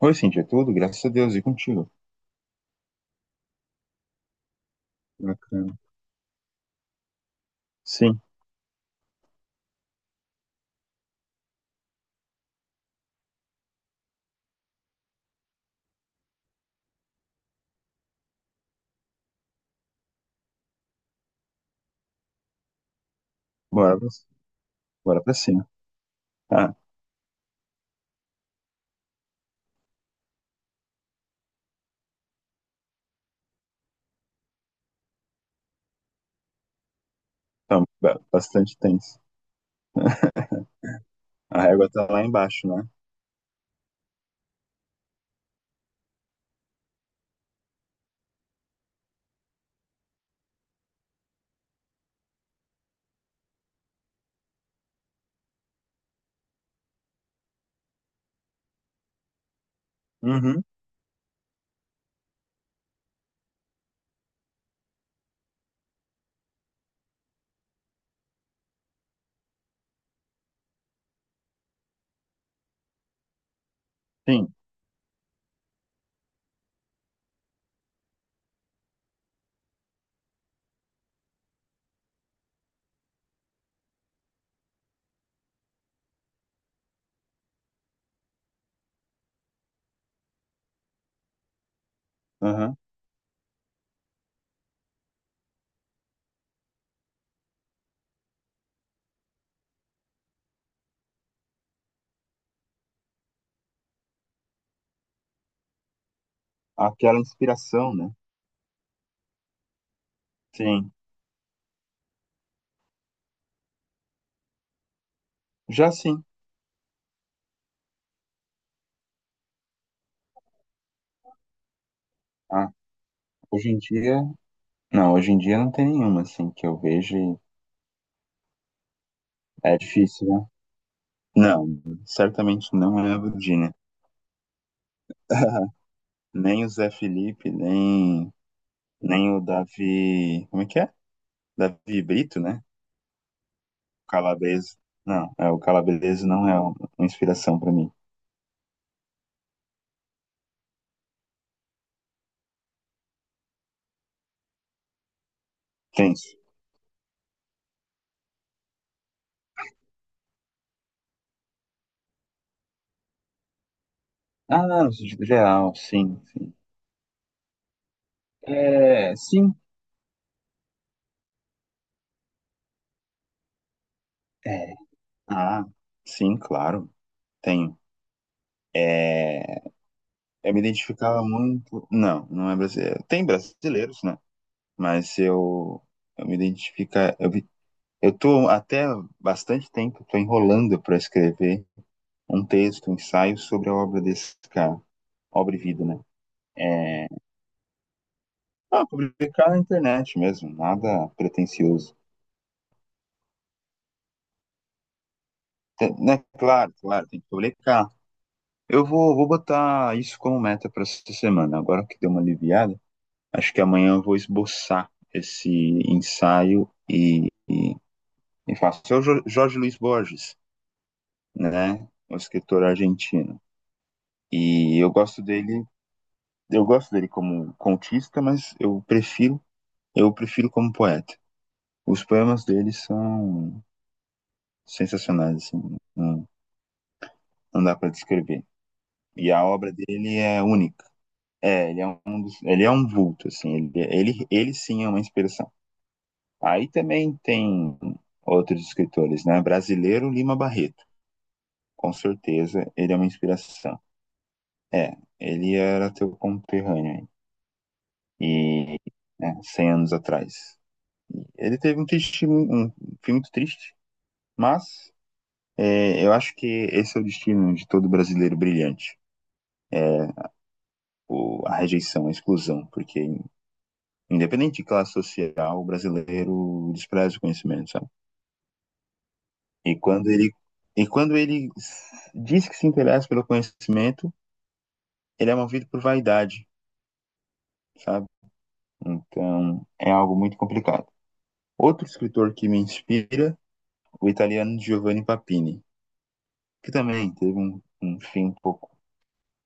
Oi, Cintia, tudo? Graças a Deus, e contigo? Bacana. Sim, bora, pra- bora pra cima. Ah, então, bastante tenso. A régua tá lá embaixo, né? Uhum, sim. Uhum. Aquela inspiração, né? Sim. Já sim. Ah, hoje em dia. Não, hoje em dia não tem nenhuma, assim, que eu vejo. É difícil, né? Não, certamente não é a Virgínia. Nem o Zé Felipe, nem o Davi. Como é que é? Davi Brito, né? Calabrese. Não, é, o Calabrese não é uma inspiração para mim. Gente. Ah, não, no sentido geral, sim, sim. É, sim. É. Ah, sim, claro. Tenho. É, eu me identificava muito. Não, não é brasileiro. Tem brasileiros, né? Mas eu, eu me identifica. Eu tô até bastante tempo, tô enrolando para escrever um texto, um ensaio sobre a obra desse cara, obra e vida, né? É, Ah, publicar na internet mesmo, nada pretensioso. Né? Claro, claro, tem que publicar. Vou botar isso como meta para essa semana. Agora que deu uma aliviada, acho que amanhã eu vou esboçar esse ensaio e faço. É o Jorge Luis Borges, né? O escritor argentino. E eu gosto dele como contista, eu prefiro como poeta. Os poemas dele são sensacionais, assim. Um não dá para descrever. E a obra dele é única. É, ele é um vulto, assim, ele sim é uma inspiração. Aí também tem outros escritores, né? Brasileiro Lima Barreto, com certeza ele é uma inspiração. É, ele era teu conterrâneo e né, 100 anos atrás. Ele teve um, triste, um um fim muito triste, mas é, eu acho que esse é o destino de todo brasileiro brilhante, o, a rejeição, a exclusão, porque independente de classe social, o brasileiro despreza o conhecimento, sabe? E quando ele, e quando ele diz que se interessa pelo conhecimento, ele é movido por vaidade, sabe? Então, é algo muito complicado. Outro escritor que me inspira, o italiano Giovanni Papini, que também teve um fim um pouco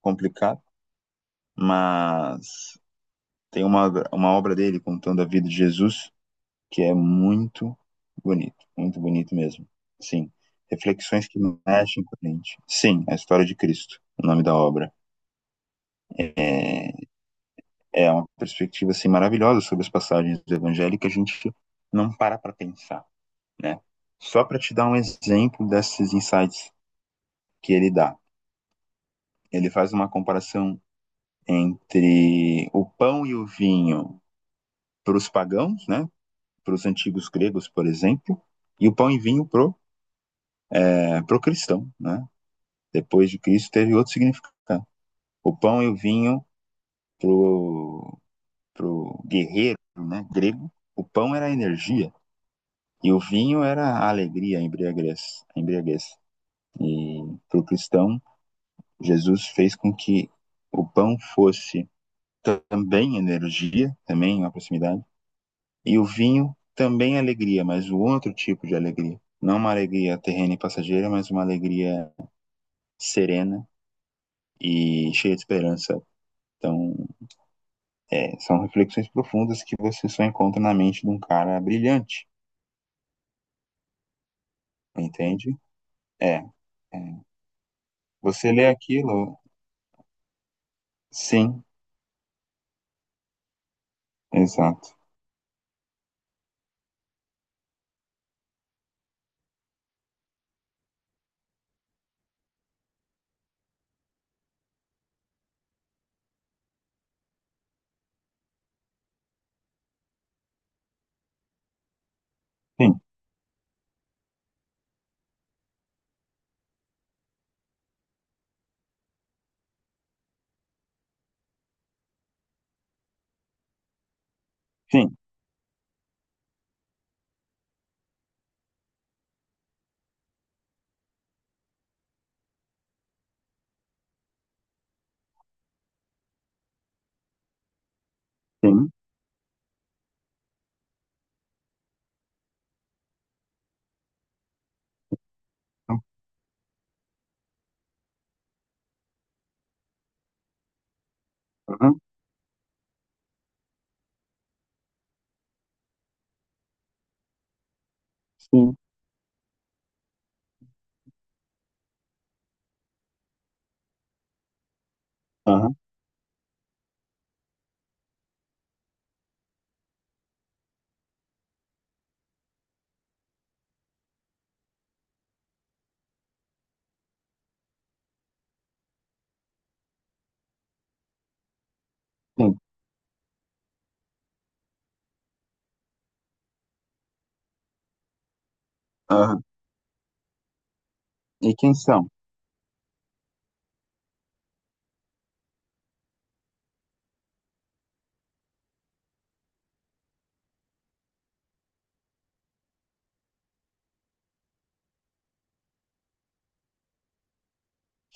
complicado, mas tem uma obra dele contando a vida de Jesus que é muito bonito mesmo. Sim, reflexões que mexem com a gente. Sim, a história de Cristo, o nome da obra. É, é uma perspectiva assim, maravilhosa sobre as passagens do Evangelho que a gente não para para pensar, né? Só para te dar um exemplo desses insights que ele dá. Ele faz uma comparação entre o pão e o vinho para os pagãos, né? Para os antigos gregos, por exemplo, e o pão e vinho pro é, pro cristão, né? Depois de Cristo teve outro significado. O pão e o vinho pro pro guerreiro, né, grego, o pão era a energia e o vinho era a alegria, a embriaguez. E pro cristão, Jesus fez com que o pão fosse também energia, também uma proximidade, e o vinho também alegria, mas um outro tipo de alegria. Não uma alegria terrena e passageira, mas uma alegria serena e cheia de esperança. Então, é, são reflexões profundas que você só encontra na mente de um cara brilhante, entende? É, é. Você lê aquilo, sim, exato. Sim, sim, sim, aham, sim, aham, sim, aham. E quem são?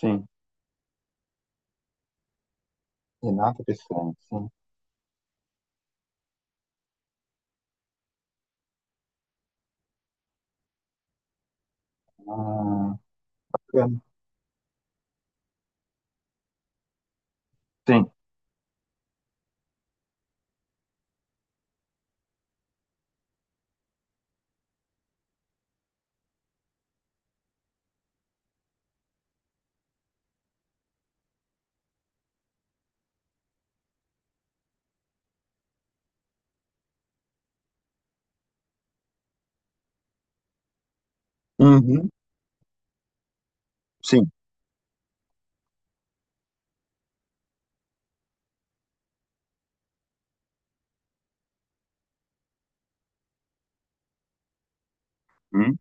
Sim, Renata Pessoa, sim, ah, é, sim, uhum, sim, hum,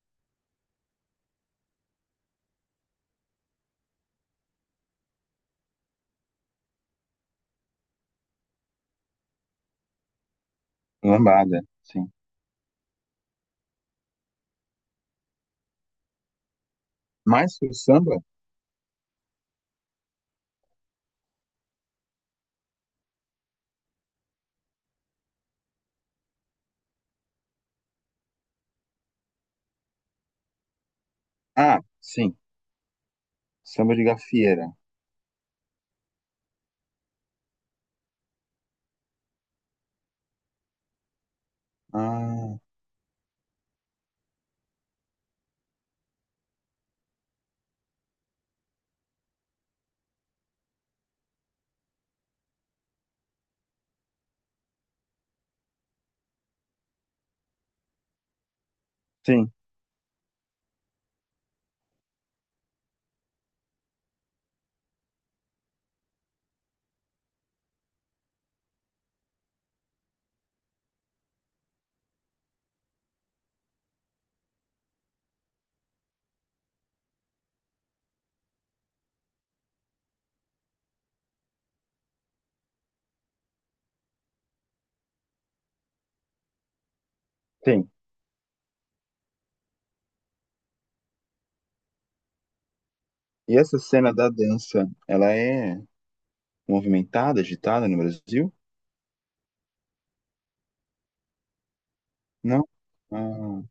lambada, sim. Mas o samba? Ah, sim, samba de gafieira. Ah, sim, sim. E essa cena da dança, ela é movimentada, agitada no Brasil? Não? Ah,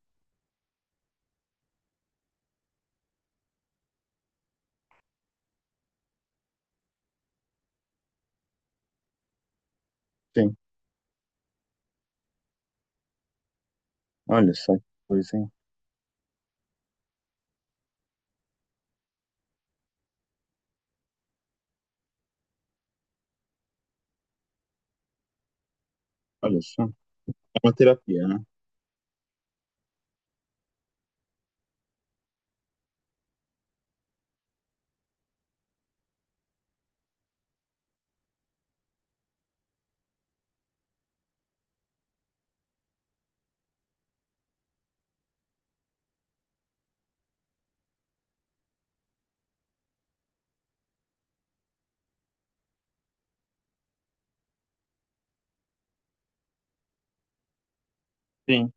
sim. Olha só que coisa, hein? Olha só. É uma terapia, né? Sim.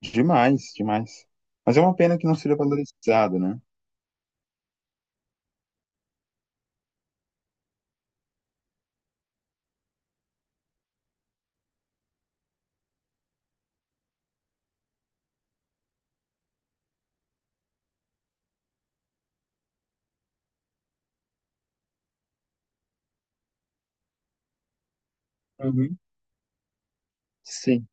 Demais, demais. Mas é uma pena que não seja valorizado, né? Uhum. Sim.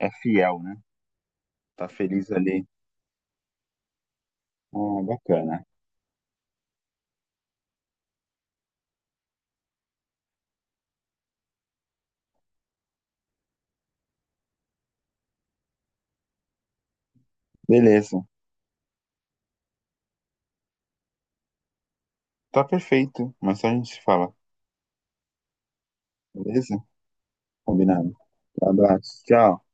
É fiel, né? Tá feliz ali. Ah, bacana. Beleza. Tá perfeito. Mas só a gente se fala. Beleza? Combinado. Um Abraço. Tchau.